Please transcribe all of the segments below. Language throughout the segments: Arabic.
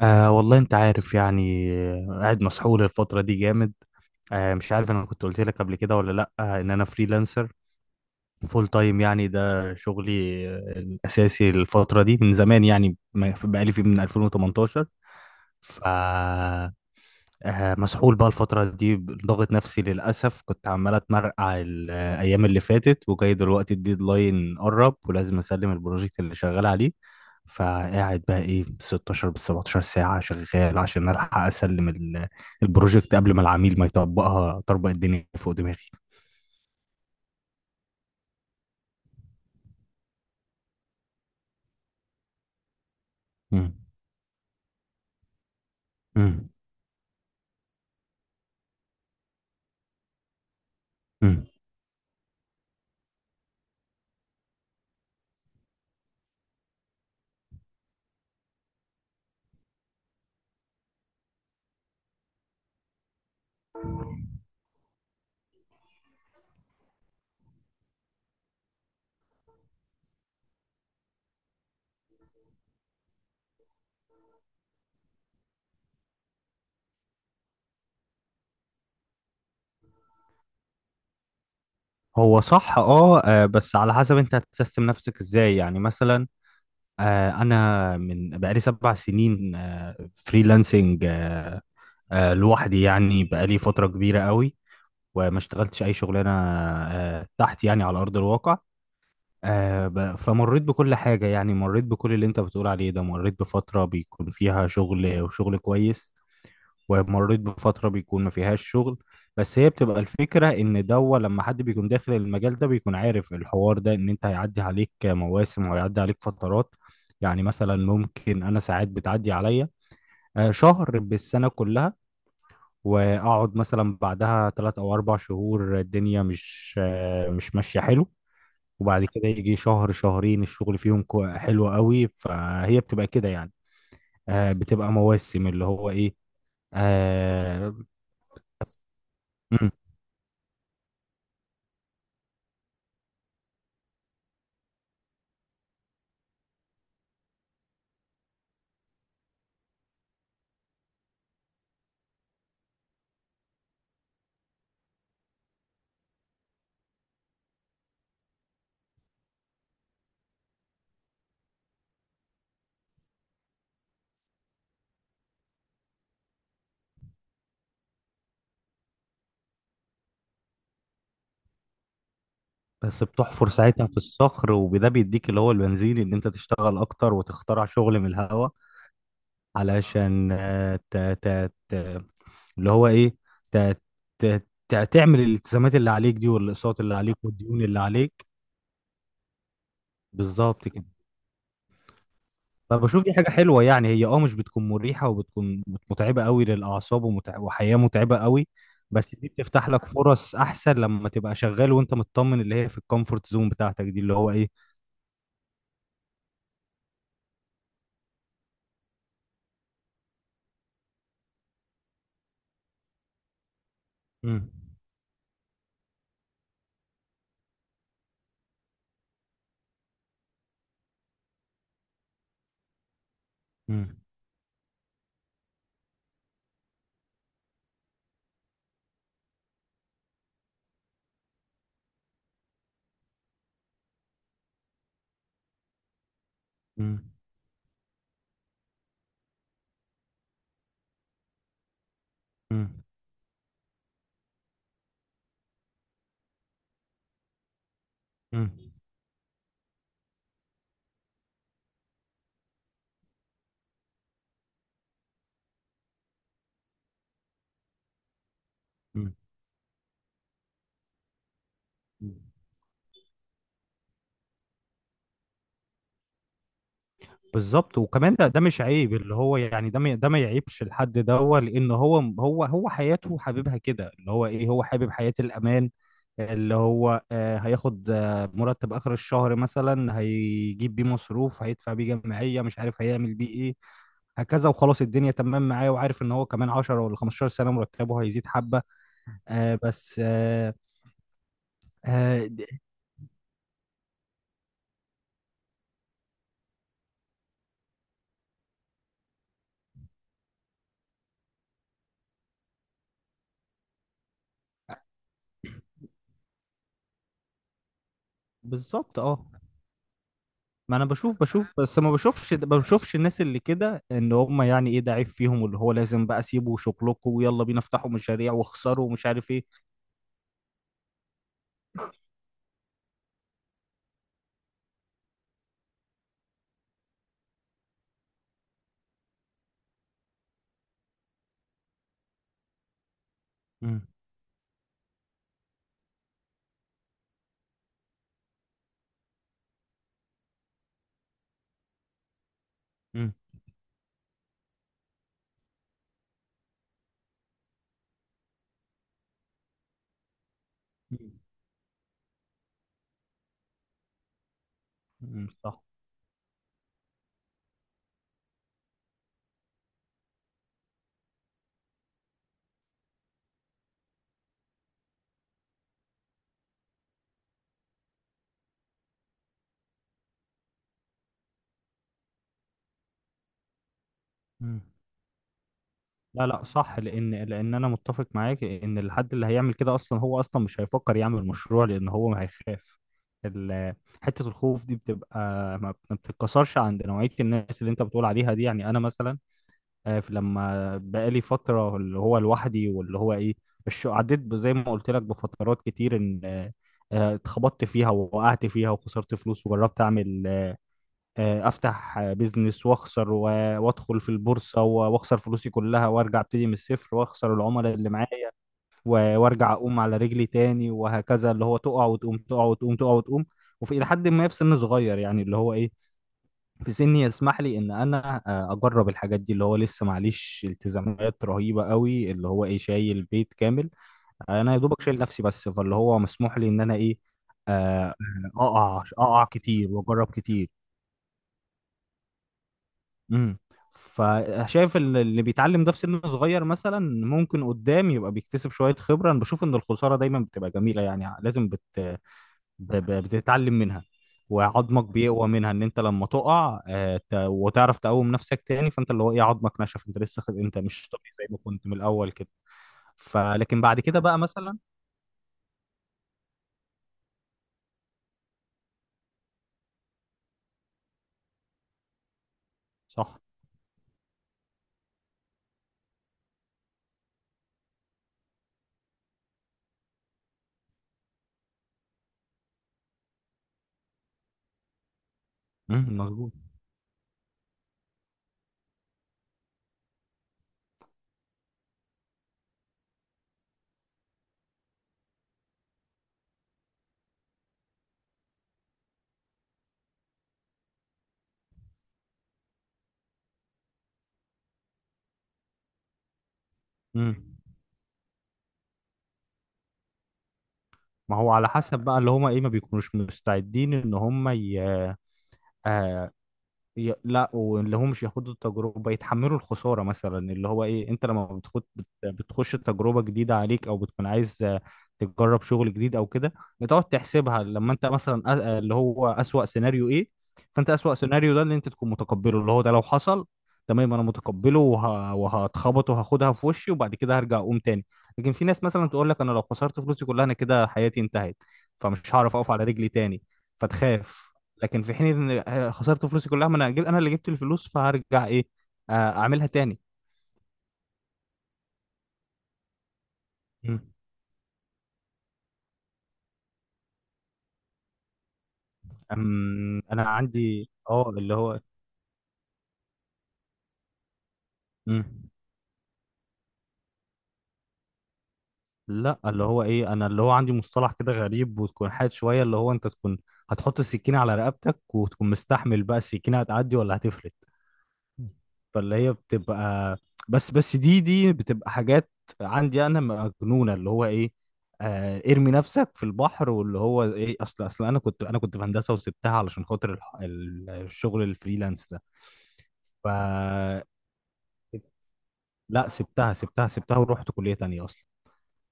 آه والله انت عارف يعني قاعد مسحول الفترة دي جامد. مش عارف، انا كنت قلت لك قبل كده ولا لا، ان انا فريلانسر فول تايم، يعني ده شغلي الاساسي. الفترة دي من زمان، يعني بقالي فيه من 2018. ف مسحول بقى الفترة دي بضغط نفسي للأسف. كنت عمال أتمرقع الأيام اللي فاتت وجاي، دلوقتي الديدلاين قرب ولازم أسلم البروجكت اللي شغال عليه. فقاعد بقى إيه 16 بال 17 ساعة شغال عشان ألحق أسلم البروجكت قبل ما العميل ما يطبقها طربق الدنيا فوق دماغي. مم. مم. مم. هو صح، بس على حسب انت هتسيستم نفسك ازاي. يعني مثلا انا من بقالي 7 سنين فريلانسنج، لوحدي، يعني بقالي فترة كبيرة قوي. وما اشتغلتش أي شغلانة تحت يعني على أرض الواقع. فمريت بكل حاجة، يعني مريت بكل اللي أنت بتقول عليه ده. مريت بفترة بيكون فيها شغل وشغل كويس، ومريت بفترة بيكون ما فيهاش شغل. بس هي بتبقى الفكرة إن دوا لما حد بيكون داخل المجال ده بيكون عارف الحوار ده، إن أنت هيعدي عليك مواسم وهيعدي عليك فترات. يعني مثلا ممكن أنا ساعات بتعدي عليا شهر بالسنة كلها، واقعد مثلا بعدها 3 او 4 شهور الدنيا مش ماشيه حلو. وبعد كده يجي شهر شهرين الشغل فيهم حلو قوي، فهي بتبقى كده يعني. بتبقى مواسم اللي هو ايه آه، مم. بس بتحفر ساعتها في الصخر، وده بيديك اللي هو البنزين، ان انت تشتغل اكتر وتخترع شغل من الهوا، علشان آه، ت ت ت اللي هو ايه ت تعمل الالتزامات اللي عليك دي، والاقساط اللي عليك، والديون اللي عليك. بالظبط كده. فبشوف دي حاجة حلوة، يعني هي مش بتكون مريحة، وبتكون متعبة قوي للأعصاب، وحياة متعبة قوي. بس دي بتفتح لك فرص أحسن لما تبقى شغال وأنت مطمن، اللي هي في الكومفورت زون بتاعتك دي، اللي هو إيه. مم. مم. مم. مم. مم. مم. بالظبط، وكمان ده مش عيب، اللي هو يعني ده ما يعيبش الحد ده هو، لان هو حياته حاببها كده، اللي هو ايه هو حابب حياة الامان. اللي هو هياخد مرتب اخر الشهر مثلا، هيجيب بيه مصروف، هيدفع بيه جمعية، مش عارف هيعمل بيه ايه، هكذا وخلاص الدنيا تمام معاه. وعارف ان هو كمان 10 ولا 15 سنة مرتبه هيزيد حبة. بس. آه د- بالظبط ما انا بشوف، بشوف بس ما بشوفش الناس اللي كده، ان هم يعني ايه ده عيب فيهم اللي هو لازم بقى سيبوا شغلكم ويلا بينا افتحوا مشاريع واخسروا ومش عارف ايه. مم. مم. مم. مم. صح. مم. لا لا صح، لان انا متفق معاك ان الحد اللي هيعمل كده اصلا هو اصلا مش هيفكر يعمل مشروع، لان هو ما هيخاف. ال- حته الخوف دي بتبقى ما بتتكسرش عند نوعيه الناس اللي انت بتقول عليها دي. يعني انا مثلا لما بقالي فترة اللي هو لوحدي واللي هو ايه، عديت زي ما قلت لك بفترات كتير، ان اتخبطت فيها ووقعت فيها وخسرت فلوس، وجربت اعمل افتح بيزنس واخسر وادخل في البورصة واخسر فلوسي كلها وارجع ابتدي من الصفر واخسر العملاء اللي معايا، وارجع اقوم على رجلي تاني، وهكذا اللي هو تقع وتقوم، تقع وتقوم، تقع وتقوم. وفي إلى حد ما في سن صغير يعني اللي هو ايه، في سني يسمح لي ان انا اجرب الحاجات دي، اللي هو لسه معليش التزامات رهيبه قوي، اللي هو ايه شايل بيت كامل. انا يا دوبك شايل نفسي بس، فاللي هو مسموح لي ان انا ايه آه، اقع كتير واجرب كتير. امم. فشايف اللي بيتعلم ده في سن صغير مثلا، ممكن قدام يبقى بيكتسب شويه خبره. انا بشوف ان الخساره دايما بتبقى جميله، يعني لازم بتتعلم منها. وعظمك بيقوى منها، ان انت لما تقع وتعرف تقوم نفسك تاني، فانت اللي هو ايه عظمك نشف، انت لسه انت مش طبيعي زي ما كنت من الاول كده. فلكن بعد كده بقى مثلا. صح. مم، مظبوط. مم. ما هو على حسب بقى اللي هما ايه، ما بيكونوش مستعدين ان هما آه، لا، واللي هم مش ياخدوا التجربة يتحملوا الخسارة مثلا، اللي هو ايه انت لما بتخد بتخش تجربة جديدة عليك، او بتكون عايز تجرب شغل جديد او كده، بتقعد تحسبها لما انت مثلا اللي هو أسوأ سيناريو ايه. فانت أسوأ سيناريو ده اللي انت تكون متقبله، اللي هو ده لو حصل، تمام، انا متقبله، وهتخبط وهاخدها في وشي وبعد كده هرجع اقوم تاني. لكن في ناس مثلا تقول لك انا لو خسرت فلوسي كلها انا كده حياتي انتهت، فمش هعرف اقف على رجلي تاني، فتخاف. لكن في حين ان خسرت فلوسي كلها، ما انا انا اللي جبت الفلوس، فهرجع ايه اعملها تاني. مم. انا عندي اللي هو. مم. لا، اللي هو ايه انا اللي هو عندي مصطلح كده غريب وتكون حاد شويه، اللي هو انت تكون هتحط السكينه على رقبتك وتكون مستحمل، بقى السكينه هتعدي ولا هتفلت. فاللي هي بتبقى، بس دي بتبقى حاجات عندي انا مجنونه اللي هو ايه. ارمي نفسك في البحر، واللي هو ايه، اصل انا كنت، في هندسه وسبتها علشان خاطر الشغل الفريلانس ده. ف لا، سبتها ورحت كليه تانية اصلا،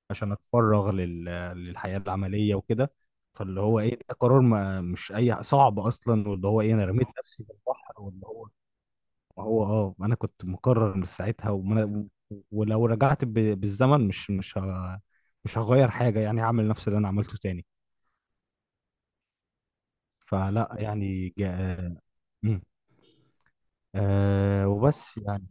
عشان اتفرغ للحياه العمليه وكده. فاللي هو ايه ده قرار ما مش اي صعب اصلا، واللي هو ايه انا رميت نفسي في البحر واللي هو. ما هو انا كنت مقرر من ساعتها وما. ولو رجعت بالزمن مش هغير حاجه، يعني هعمل نفس اللي انا عملته تاني. فلا يعني جا... آه، مم. وبس يعني.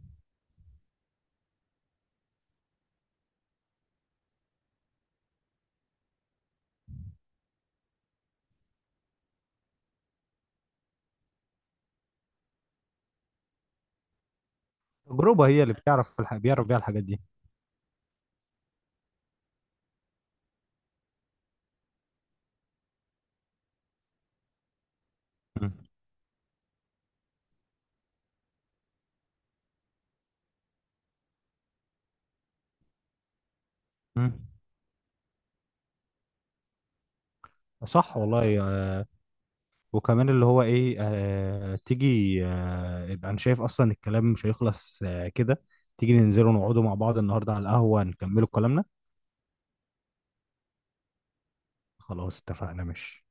التجربه هي اللي بتعرف، بيعرف بيها الحاجات دي. مم. مم. صح والله. وكمان اللي هو ايه تيجي يبقى انا شايف اصلا الكلام مش هيخلص كده، تيجي ننزلوا نقعدوا مع بعض النهارده على القهوه نكملوا كلامنا. خلاص اتفقنا، ماشي.